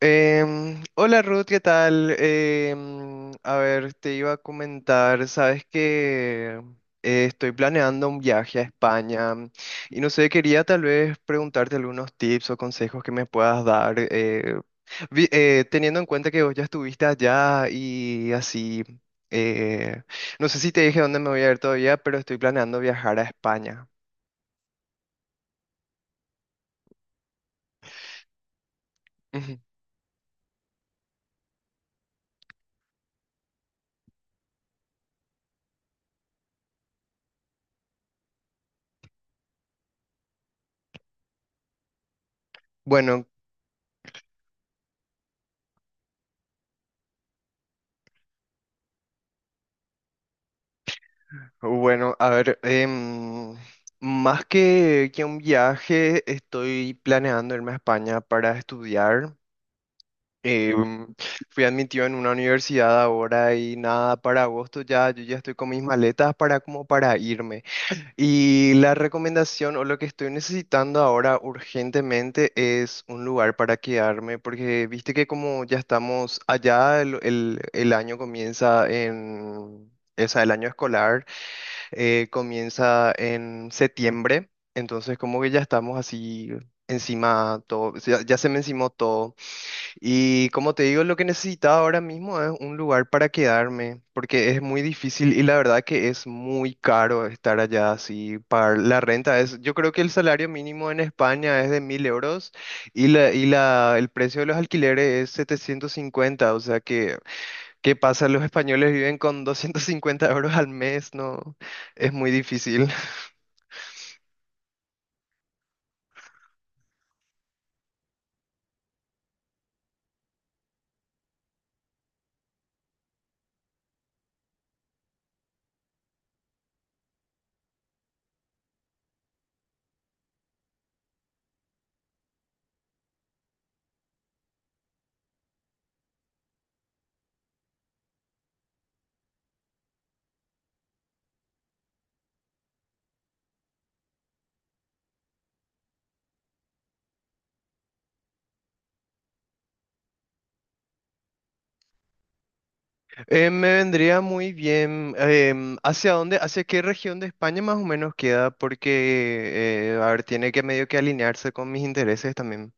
Hola Ruth, ¿qué tal? A ver, te iba a comentar, sabes que estoy planeando un viaje a España, y no sé, quería tal vez preguntarte algunos tips o consejos que me puedas dar, teniendo en cuenta que vos ya estuviste allá y así. eh, no sé si te dije dónde me voy a ir todavía, pero estoy planeando viajar a España. Ujú. Bueno, bueno, a ver, más que un viaje, estoy planeando irme a España para estudiar. Em, Fui admitido en una universidad ahora y nada, para agosto ya, yo ya estoy con mis maletas para, como, para irme. Y la recomendación o lo que estoy necesitando ahora urgentemente es un lugar para quedarme, porque viste que como ya estamos allá, el año comienza en... O sea, el año escolar comienza en septiembre, entonces como que ya estamos así encima todo, o sea, ya, se me encimó todo. Y como te digo, lo que necesitaba ahora mismo es un lugar para quedarme, porque es muy difícil y la verdad que es muy caro estar allá así. Pagar la renta es, yo creo que el salario mínimo en España es de 1.000 euros y el precio de los alquileres es 750, o sea que, ¿qué pasa? Los españoles viven con 250 euros al mes, no, es muy difícil. Me vendría muy bien. ¿Hacia dónde, hacia qué región de España más o menos queda? Porque, a ver, tiene que medio que alinearse con mis intereses también.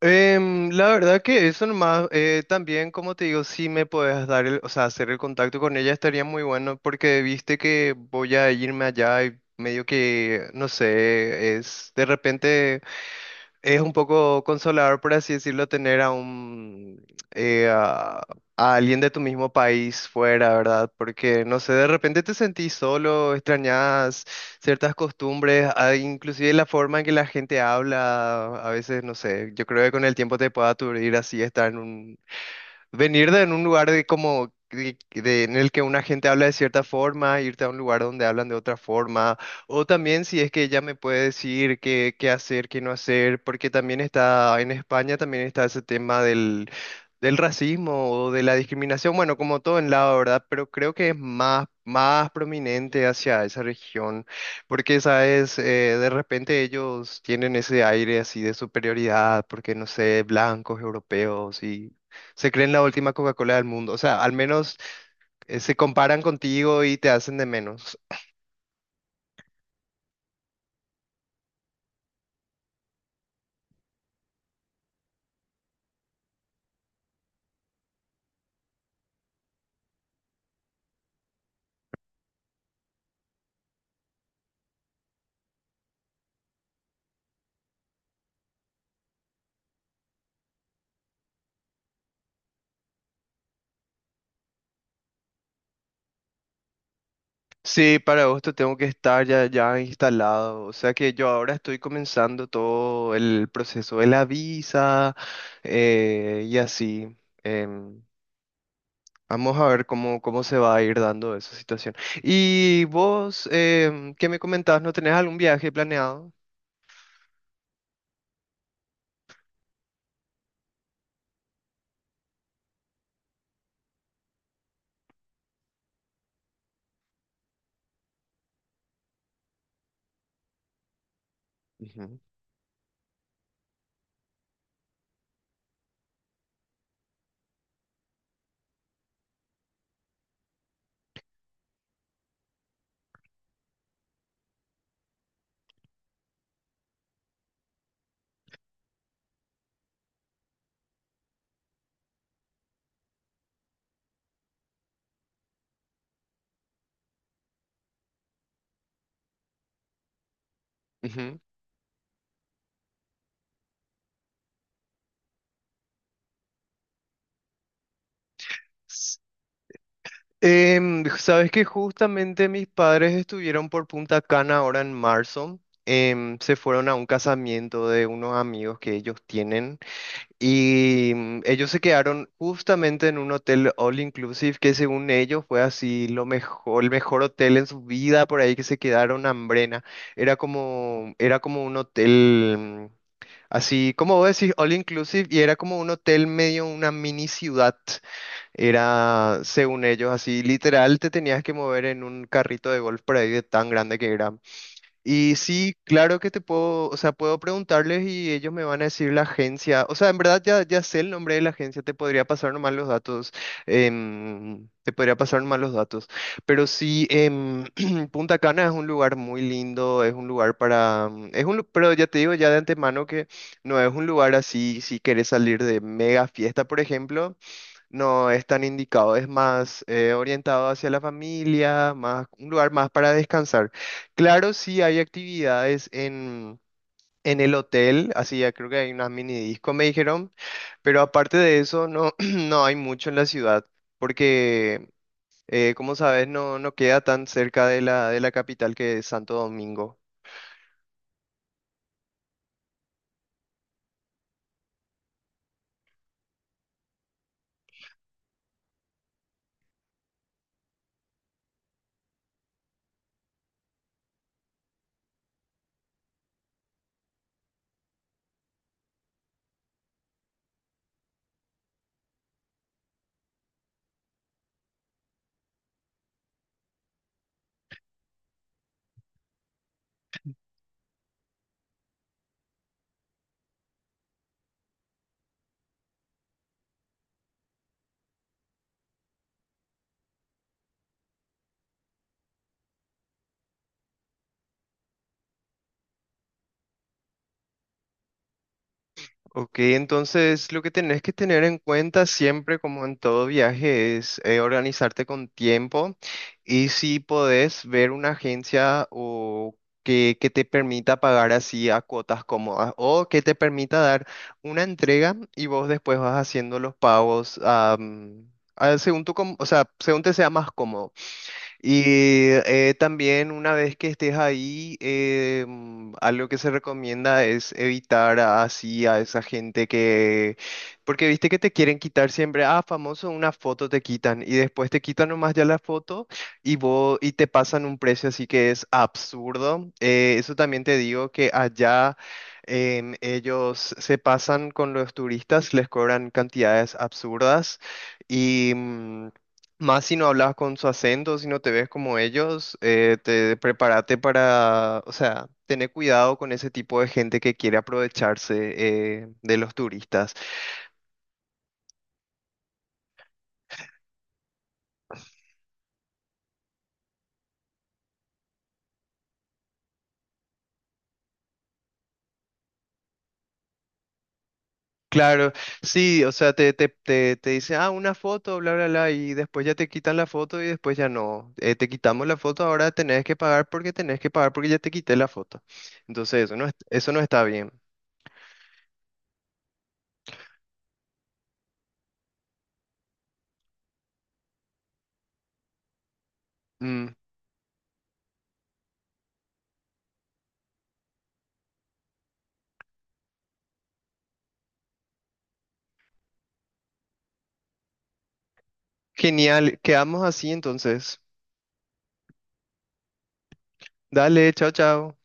La verdad que eso nomás. También, como te digo, si me puedes dar el, o sea, hacer el contacto con ella, estaría muy bueno, porque viste que voy a irme allá y medio que, no sé, es de repente. Es un poco consolador, por así decirlo, tener a eh, a, a alguien de tu mismo país fuera, ¿verdad? Porque, no sé, de repente te sentís solo, extrañas ciertas costumbres, inclusive la forma en que la gente habla, a veces, no sé. Yo creo que con el tiempo te puede aturdir así venir de en un lugar, de como en el que una gente habla de cierta forma, irte a un lugar donde hablan de otra forma. O también si es que ella me puede decir qué hacer, qué no hacer, porque también está en España, también está ese tema del racismo o de la discriminación, bueno, como todo en lado, ¿verdad? Pero creo que es más prominente hacia esa región, porque sabes. De repente ellos tienen ese aire así de superioridad, porque no sé, blancos, europeos, y se creen la última Coca-Cola del mundo. O sea, al menos se comparan contigo y te hacen de menos. Sí, para agosto tengo que estar ya, ya instalado. O sea que yo ahora estoy comenzando todo el proceso de la visa y así. Em, Vamos a ver cómo se va a ir dando esa situación. ¿Y vos, qué me comentabas? ¿No tenés algún viaje planeado? Ujú. Ujú. Sabes que justamente mis padres estuvieron por Punta Cana ahora en marzo. Se fueron a un casamiento de unos amigos que ellos tienen, y ellos se quedaron justamente en un hotel all inclusive que, según ellos, fue así lo mejor, el mejor hotel en su vida por ahí que se quedaron, hambrena. Era como un hotel, así, como vos decís, all inclusive, y era como un hotel medio una mini ciudad. Era, según ellos, así literal, te tenías que mover en un carrito de golf por ahí, de tan grande que era. Y sí, claro que te puedo, o sea, puedo preguntarles y ellos me van a decir la agencia. O sea, en verdad ya, ya sé el nombre de la agencia, te podría pasar nomás los datos. Te podría pasar nomás los datos. Pero sí, Punta Cana es un lugar muy lindo, es un lugar para... mm, Es un, lu- pero ya te digo ya de antemano que no es un lugar así, si quieres salir de mega fiesta, por ejemplo. No es tan indicado, es más orientado hacia la familia, más un lugar más para descansar. Claro, sí hay actividades en, el hotel, así ya creo que hay unas mini disco, me dijeron, pero aparte de eso no, no hay mucho en la ciudad, porque como sabes, no, no queda tan cerca de la capital, que es Santo Domingo. Ok, entonces lo que tenés que tener en cuenta siempre, como en todo viaje, es organizarte con tiempo, y si podés ver una agencia o que te permita pagar así a cuotas cómodas, o que te permita dar una entrega y vos después vas haciendo los pagos, según tu, o sea, según te sea más cómodo. Y también, una vez que estés ahí, algo que se recomienda es evitar así a esa gente que, porque viste que te quieren quitar siempre, ah, famoso, una foto te quitan, y después te quitan nomás ya la foto y vos, y te pasan un precio así que es absurdo. Eso también te digo que allá ellos se pasan con los turistas, les cobran cantidades absurdas, y más si no hablas con su acento, si no te ves como ellos. Te prepárate para, o sea, tener cuidado con ese tipo de gente que quiere aprovecharse de los turistas. Claro, sí, o sea, te dice, ah, una foto, bla, bla, bla, y después ya te quitan la foto, y después ya no. Te quitamos la foto, ahora tenés que pagar, porque tenés que pagar, porque ya te quité la foto. Entonces, eso no, eso no está bien. Mm, genial, quedamos así entonces. Dale, chao, chao.